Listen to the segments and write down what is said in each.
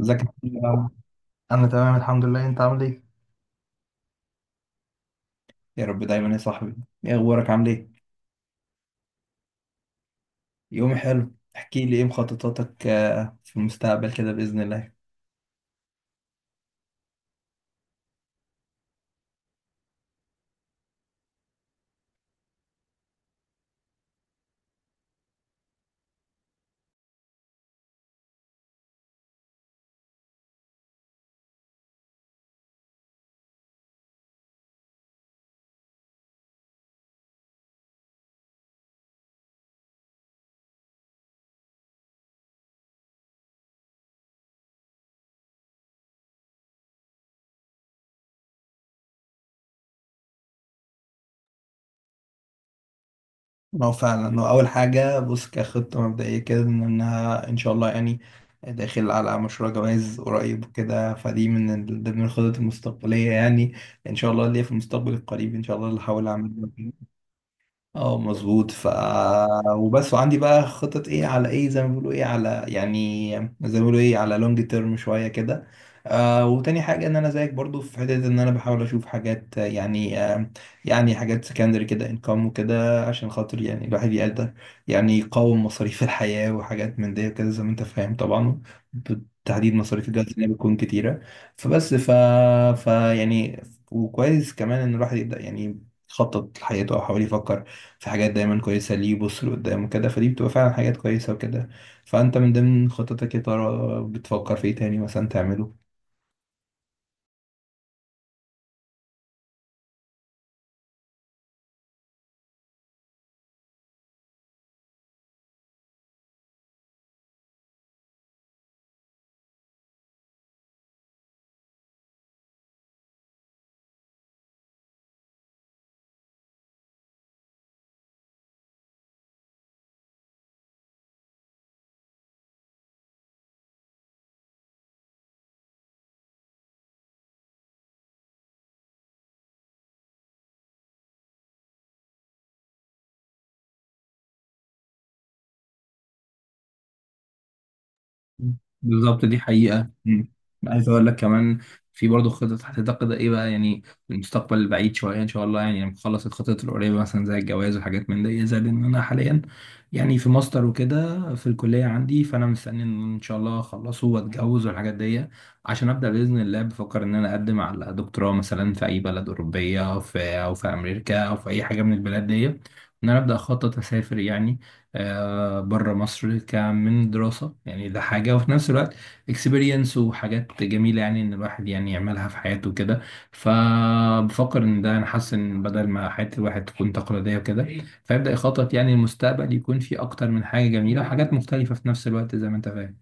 ازيك يا محمد؟ انا تمام الحمد لله، انت عامل ايه؟ يا رب دايما يا صاحبي. ايه اخبارك عامل ايه؟ يوم حلو، احكي لي ايه مخططاتك في المستقبل كده باذن الله. ما هو فعلا، هو اول حاجه بص كخطه مبدئيه كده ان انها ان شاء الله يعني داخل على مشروع جواز قريب وكده، فدي ضمن الخطط المستقبليه يعني ان شاء الله اللي هي في المستقبل القريب ان شاء الله اللي هحاول اعملها. اه مظبوط. وبس، وعندي بقى خطط ايه على ايه زي ما بيقولوا ايه على لونج تيرم شويه كده. وتاني حاجه ان انا زيك برضو في حته ان انا بحاول اشوف حاجات يعني حاجات سكندري كده انكم وكده عشان خاطر يعني الواحد يقدر يعني يقاوم مصاريف الحياه وحاجات من دي وكده، زي ما انت فاهم طبعا، بالتحديد مصاريف الجواز اللي بتكون كتيره. فبس ف... ف يعني وكويس كمان ان الواحد يبدا يعني يخطط لحياته او حاول يفكر في حاجات دايما كويسة ليه يبص لقدام وكده، فدي بتبقى فعلا حاجات كويسة وكده. فأنت من ضمن خططك يا ترى بتفكر في إيه تاني مثلا تعمله؟ بالظبط، دي حقيقة. مم. عايز أقول لك كمان في برضه خطط هتتقد إيه بقى يعني المستقبل البعيد شوية إن شاء الله، يعني لما أخلص الخطط القريبة مثلا زي الجواز وحاجات من دي، زائد إن أنا حاليا يعني في ماستر وكده في الكلية عندي، فأنا مستني إن إن شاء الله أخلصه وأتجوز والحاجات دي عشان أبدأ بإذن الله بفكر إن أنا أقدم على دكتوراه مثلا في أي بلد أوروبية، أو في أمريكا أو في أي حاجة من البلاد دي، إن أنا أبدأ أخطط أسافر يعني بره مصر كمن دراسة. يعني ده حاجة، وفي نفس الوقت اكسبيرينس وحاجات جميلة يعني ان الواحد يعني يعملها في حياته كده. فبفكر ان ده، انا حاسس ان بدل ما حياة الواحد تكون تقليدية وكده، فيبدأ يخطط يعني المستقبل يكون فيه اكتر من حاجة جميلة وحاجات مختلفة في نفس الوقت زي ما انت فاهم.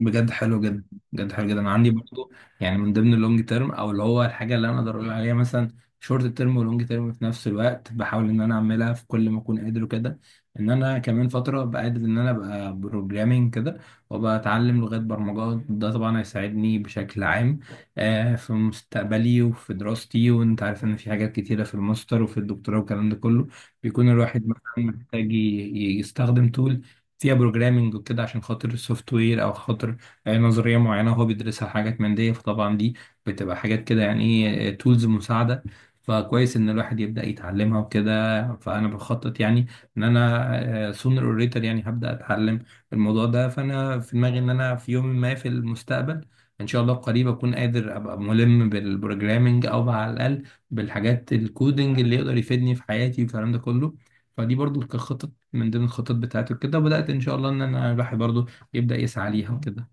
بجد حلو جدا، بجد حلو جدا، انا عندي برضو يعني من ضمن اللونج تيرم او اللي هو الحاجه اللي انا اقدر اقول عليها مثلا شورت تيرم ولونج تيرم في نفس الوقت، بحاول ان انا اعملها في كل ما اكون قادر وكده. ان انا كمان فتره بقدر ان انا ابقى بروجرامينج كده وابقى اتعلم لغات برمجه، ده طبعا هيساعدني بشكل عام في مستقبلي وفي دراستي، وانت عارف ان في حاجات كتيره في الماستر وفي الدكتوراه والكلام ده كله بيكون الواحد مثلا محتاج يستخدم تول فيها بروجرامنج وكده عشان خاطر السوفت وير او خاطر نظريه معينه هو بيدرسها، حاجات من دي. فطبعا دي بتبقى حاجات كده يعني ايه تولز مساعده. فكويس ان الواحد يبدا يتعلمها وكده، فانا بخطط يعني ان انا سونر اور ليتر يعني هبدا اتعلم الموضوع ده. فانا في دماغي ان انا في يوم ما في المستقبل ان شاء الله قريب اكون قادر ابقى ملم بالبروجرامنج او على الاقل بالحاجات الكودنج اللي يقدر يفيدني في حياتي والكلام ده كله. فدي برضو كخطط من ضمن الخطط بتاعته كده، وبدأت إن شاء الله إن أنا الواحد برضه يبدأ يسعى ليها وكده.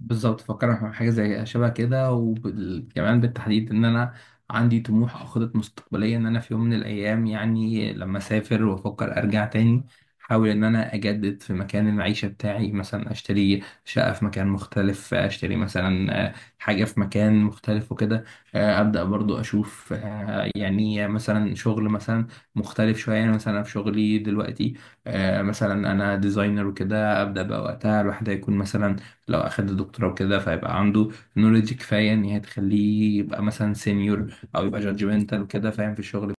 بالظبط، فكرنا في حاجة زي شبه كده، وكمان بالتحديد إن أنا عندي طموح أو خطط مستقبلية إن أنا في يوم من الأيام يعني لما أسافر وأفكر أرجع تاني أحاول إن أنا أجدد في مكان المعيشة بتاعي، مثلا أشتري شقة في مكان مختلف، أشتري مثلا حاجة في مكان مختلف وكده. أبدأ برضو أشوف يعني مثلا شغل مثلا مختلف شوية، يعني مثلا أنا في شغلي دلوقتي مثلا أنا ديزاينر وكده، أبدأ بقى وقتها الواحد هيكون مثلا لو أخد دكتوراه وكده فهيبقى عنده نوليدج كفاية إن هي تخليه يبقى مثلا سينيور أو يبقى جادجمنتال وكده فاهم في الشغل.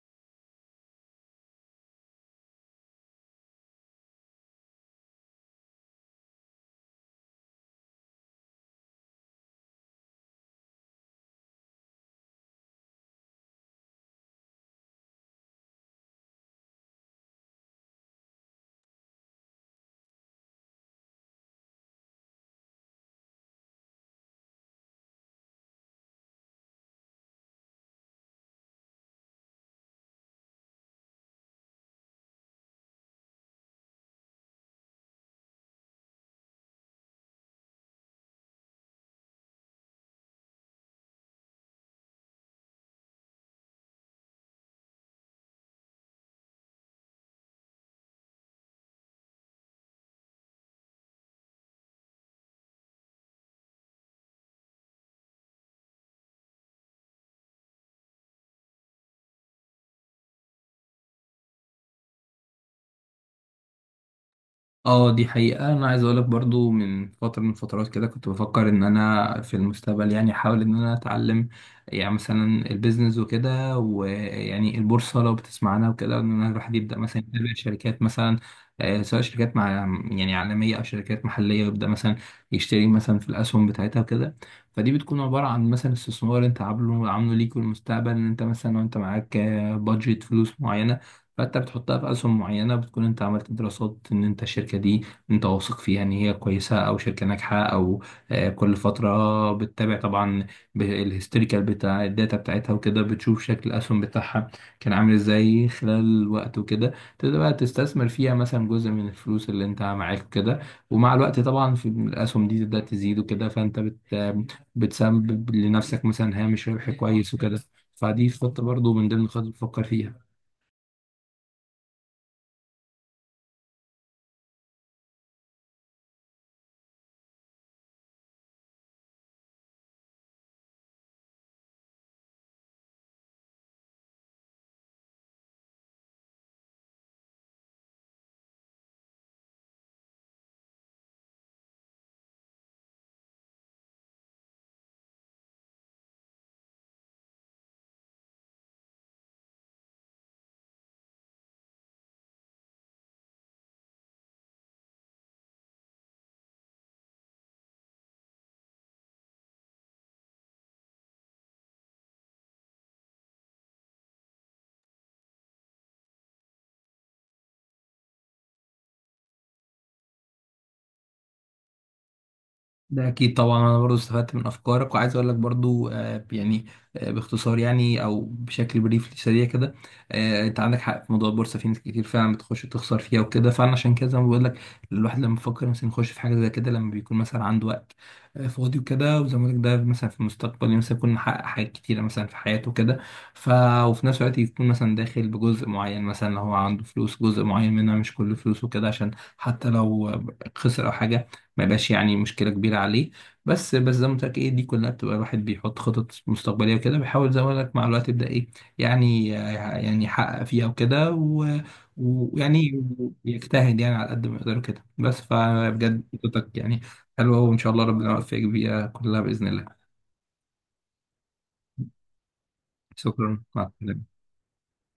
اه دي حقيقة. أنا عايز أقولك برضو من فترة من فترات كده كنت بفكر إن أنا في المستقبل يعني أحاول إن أنا أتعلم يعني مثلا البيزنس وكده، ويعني البورصة لو بتسمع عنها وكده إن أنا الواحد يبدأ مثلا يتابع شركات مثلا سواء شركات يعني عالمية أو شركات محلية ويبدأ مثلا يشتري مثلا في الأسهم بتاعتها وكده. فدي بتكون عبارة عن مثلا استثمار أنت عامله ليك في المستقبل، إن أنت مثلا وأنت معاك بادجت فلوس معينة، فانت بتحطها في اسهم معينه بتكون انت عملت دراسات ان انت الشركه دي انت واثق فيها ان هي كويسه او شركه ناجحه، او كل فتره بتتابع طبعا الهيستوريكال بتاع الداتا بتاعتها وكده، بتشوف شكل الاسهم بتاعها كان عامل ازاي خلال الوقت وكده. تبدا بقى تستثمر فيها مثلا جزء من الفلوس اللي انت معاك وكده، ومع الوقت طبعا في الاسهم دي تبدا تزيد وكده، فانت بتسبب لنفسك مثلا هامش ربح كويس وكده. فدي خطة برضو من ضمن الخطط اللي بفكر فيها. ده اكيد طبعا، انا برضو استفدت من افكارك، وعايز اقول لك برضو يعني باختصار يعني او بشكل بريف سريع كده. انت عندك حق في موضوع البورصه، في ناس كتير فعلا بتخش تخسر فيها وكده، فانا عشان كده زي ما بقول لك، الواحد لما بيفكر مثلا يخش في حاجه زي كده لما بيكون مثلا عنده وقت فاضي وكده. وزي ما بقول لك ده مثلا في المستقبل يعني مثلا يكون محقق حاجات كتيره مثلا في حياته كده. ف وفي نفس الوقت يكون مثلا داخل بجزء معين، مثلا لو هو عنده فلوس جزء معين منها مش كل فلوسه كده، عشان حتى لو خسر او حاجه ما يبقاش يعني مشكلة كبيرة عليه. بس زي ما قلت لك ايه دي كلها بتبقى الواحد بيحط خطط مستقبلية وكده، بيحاول زي ما قلت لك مع الوقت يبدأ ايه، يعني يحقق فيها وكده ويعني يجتهد يعني على قد ما يقدر كده بس. فبجد خطتك يعني حلوة، وإن شاء الله ربنا يوفقك بيها كلها بإذن الله. شكرا، مع السلامة.